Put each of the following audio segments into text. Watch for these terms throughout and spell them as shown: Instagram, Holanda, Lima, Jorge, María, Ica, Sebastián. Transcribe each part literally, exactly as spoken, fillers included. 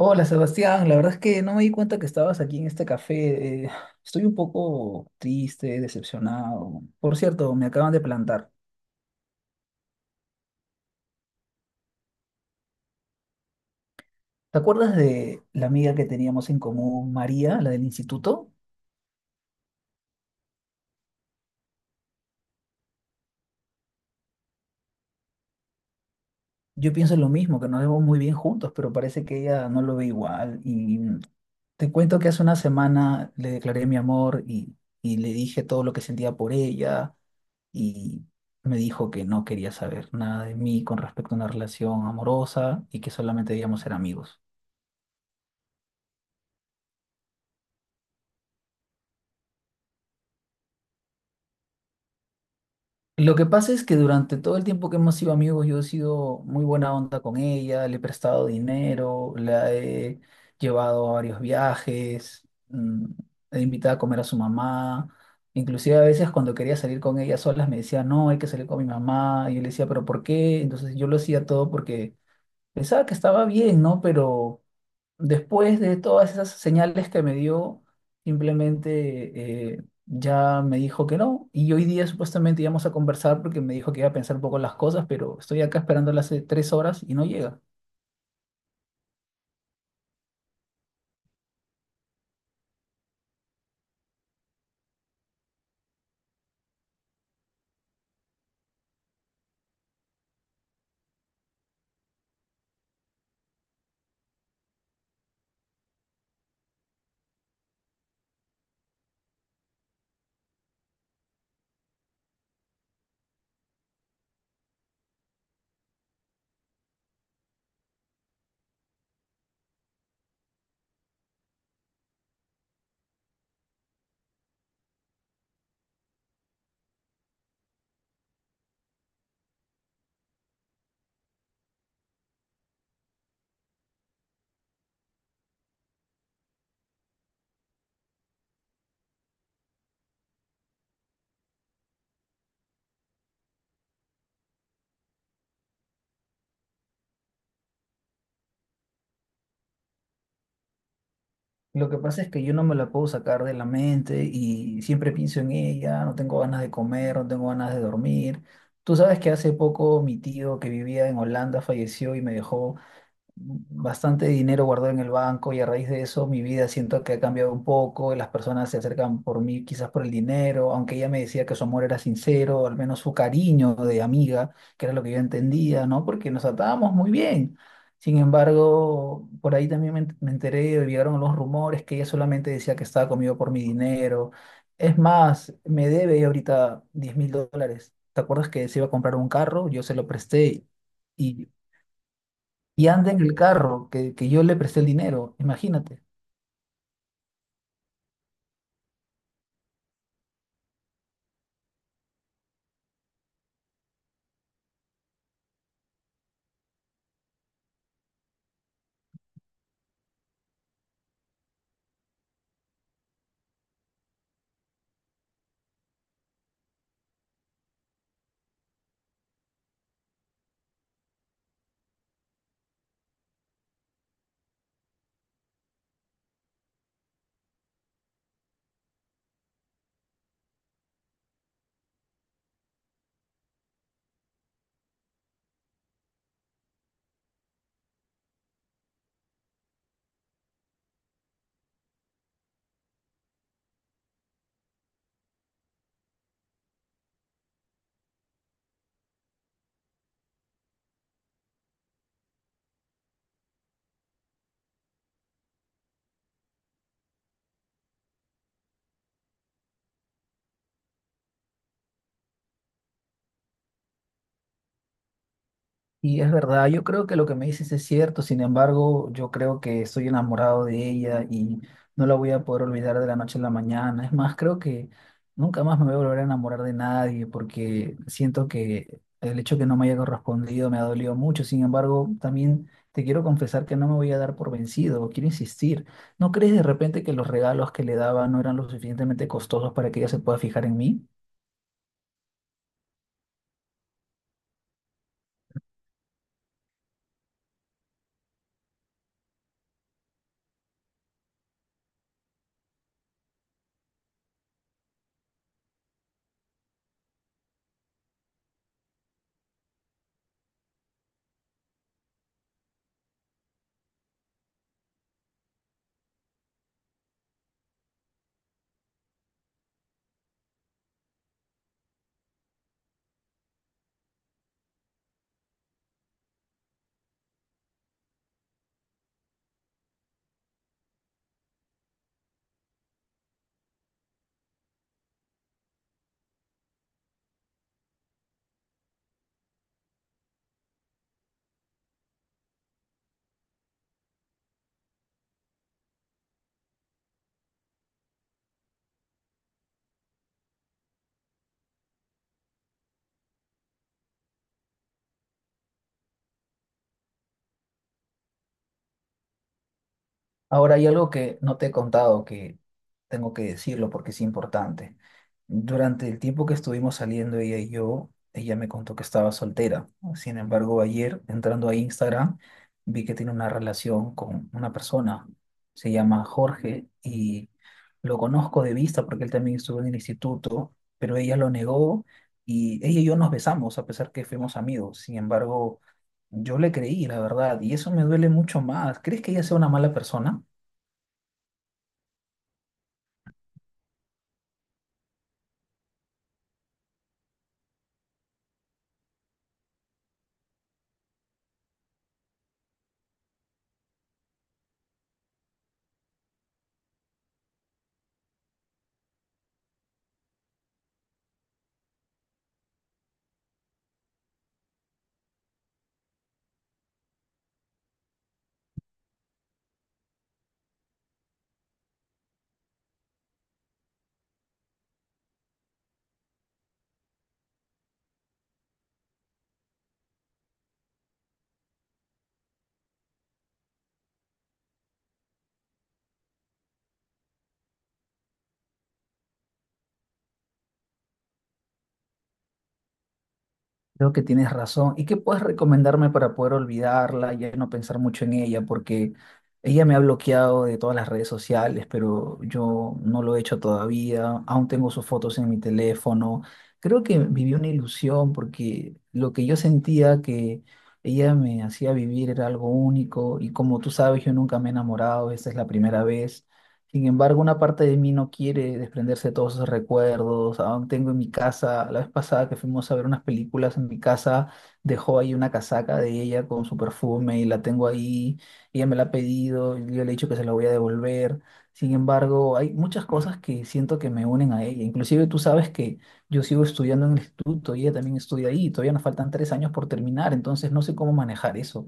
Hola Sebastián, la verdad es que no me di cuenta que estabas aquí en este café. Eh, estoy un poco triste, decepcionado. Por cierto, me acaban de plantar. ¿Te acuerdas de la amiga que teníamos en común, María, la del instituto? Yo pienso lo mismo, que nos vemos muy bien juntos, pero parece que ella no lo ve igual. Y Te cuento que hace una semana le declaré mi amor y, y le dije todo lo que sentía por ella y me dijo que no quería saber nada de mí con respecto a una relación amorosa y que solamente debíamos ser amigos. Lo que pasa es que durante todo el tiempo que hemos sido amigos, yo he sido muy buena onda con ella, le he prestado dinero, la he llevado a varios viajes, mm, he invitado a comer a su mamá. Inclusive a veces cuando quería salir con ella solas me decía, no, hay que salir con mi mamá. Y yo le decía, pero ¿por qué? Entonces yo lo hacía todo porque pensaba que estaba bien, ¿no? Pero después de todas esas señales que me dio, simplemente eh, ya me dijo que no. Y hoy día supuestamente íbamos a conversar porque me dijo que iba a pensar un poco las cosas, pero estoy acá esperándola hace tres horas y no llega. Lo que pasa es que yo no me la puedo sacar de la mente y siempre pienso en ella, no tengo ganas de comer, no tengo ganas de dormir. Tú sabes que hace poco mi tío que vivía en Holanda falleció y me dejó bastante dinero guardado en el banco y a raíz de eso mi vida siento que ha cambiado un poco, las personas se acercan por mí quizás por el dinero, aunque ella me decía que su amor era sincero, al menos su cariño de amiga, que era lo que yo entendía, ¿no? Porque nos atábamos muy bien. Sin embargo, por ahí también me, en- me enteré, llegaron los rumores que ella solamente decía que estaba conmigo por mi dinero. Es más, me debe ahorita diez mil dólares. ¿Te acuerdas que se iba a comprar un carro? Yo se lo presté. Y y anda en el carro que, que yo le presté el dinero, imagínate. Y es verdad, yo creo que lo que me dices es cierto, sin embargo, yo creo que estoy enamorado de ella y no la voy a poder olvidar de la noche a la mañana. Es más, creo que nunca más me voy a volver a enamorar de nadie porque siento que el hecho que no me haya correspondido me ha dolido mucho. Sin embargo, también te quiero confesar que no me voy a dar por vencido, quiero insistir. ¿No crees de repente que los regalos que le daba no eran lo suficientemente costosos para que ella se pueda fijar en mí? Ahora hay algo que no te he contado, que tengo que decirlo porque es importante. Durante el tiempo que estuvimos saliendo ella y yo, ella me contó que estaba soltera. Sin embargo, ayer entrando a Instagram, vi que tiene una relación con una persona. Se llama Jorge y lo conozco de vista porque él también estuvo en el instituto, pero ella lo negó, y ella y yo nos besamos a pesar que fuimos amigos. Sin embargo, yo le creí, la verdad, y eso me duele mucho más. ¿Crees que ella sea una mala persona? Creo que tienes razón. ¿Y qué puedes recomendarme para poder olvidarla y ya no pensar mucho en ella? Porque ella me ha bloqueado de todas las redes sociales, pero yo no lo he hecho todavía. Aún tengo sus fotos en mi teléfono. Creo que viví una ilusión porque lo que yo sentía que ella me hacía vivir era algo único y como tú sabes, yo nunca me he enamorado, esta es la primera vez. Sin embargo, una parte de mí no quiere desprenderse de todos esos recuerdos. Aún tengo en mi casa, la vez pasada que fuimos a ver unas películas en mi casa, dejó ahí una casaca de ella con su perfume y la tengo ahí. Ella me la ha pedido, y yo le he dicho que se la voy a devolver. Sin embargo, hay muchas cosas que siento que me unen a ella. Inclusive tú sabes que yo sigo estudiando en el instituto y ella también estudia ahí. Todavía nos faltan tres años por terminar, entonces no sé cómo manejar eso.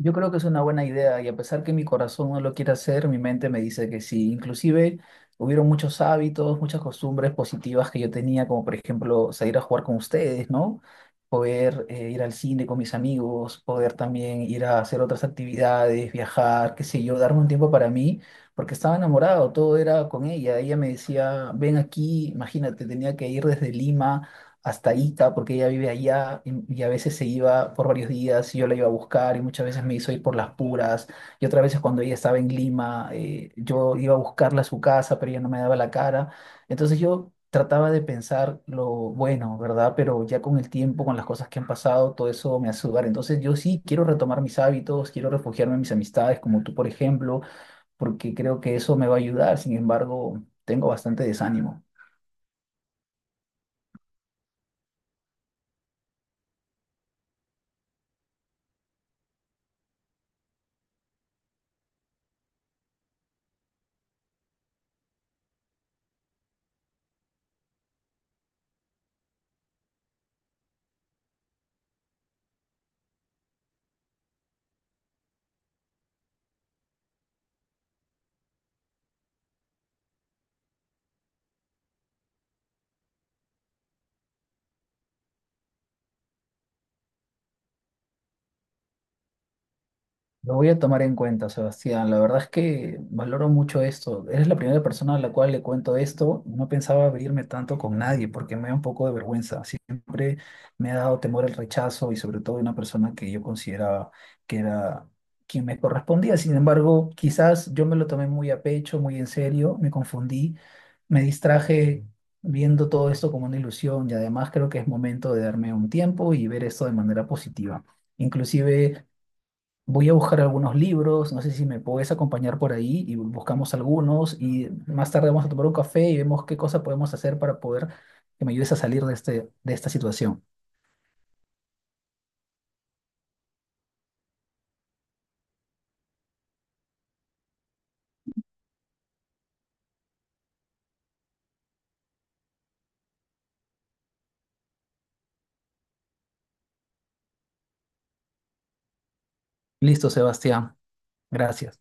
Yo creo que es una buena idea y a pesar que mi corazón no lo quiere hacer, mi mente me dice que sí. Inclusive hubieron muchos hábitos, muchas costumbres positivas que yo tenía, como por ejemplo salir a jugar con ustedes, ¿no? Poder eh, ir al cine con mis amigos, poder también ir a hacer otras actividades, viajar, qué sé yo, darme un tiempo para mí, porque estaba enamorado, todo era con ella. Ella me decía, ven aquí, imagínate, tenía que ir desde Lima hasta Ica, porque ella vive allá y, y a veces se iba por varios días y yo la iba a buscar y muchas veces me hizo ir por las puras y otras veces cuando ella estaba en Lima, eh, yo iba a buscarla a su casa, pero ella no me daba la cara. Entonces yo trataba de pensar lo bueno, ¿verdad? Pero ya con el tiempo, con las cosas que han pasado, todo eso me hace dudar. Entonces yo sí quiero retomar mis hábitos, quiero refugiarme en mis amistades, como tú, por ejemplo, porque creo que eso me va a ayudar. Sin embargo, tengo bastante desánimo. Lo voy a tomar en cuenta, Sebastián. La verdad es que valoro mucho esto. Eres la primera persona a la cual le cuento esto. No pensaba abrirme tanto con nadie porque me da un poco de vergüenza. Siempre me ha dado temor el rechazo y sobre todo de una persona que yo consideraba que era quien me correspondía. Sin embargo, quizás yo me lo tomé muy a pecho, muy en serio, me confundí, me distraje viendo todo esto como una ilusión y además creo que es momento de darme un tiempo y ver esto de manera positiva. Inclusive... voy a buscar algunos libros, no sé si me puedes acompañar por ahí y buscamos algunos y más tarde vamos a tomar un café y vemos qué cosa podemos hacer para poder que me ayudes a salir de este, de esta situación. Listo, Sebastián. Gracias.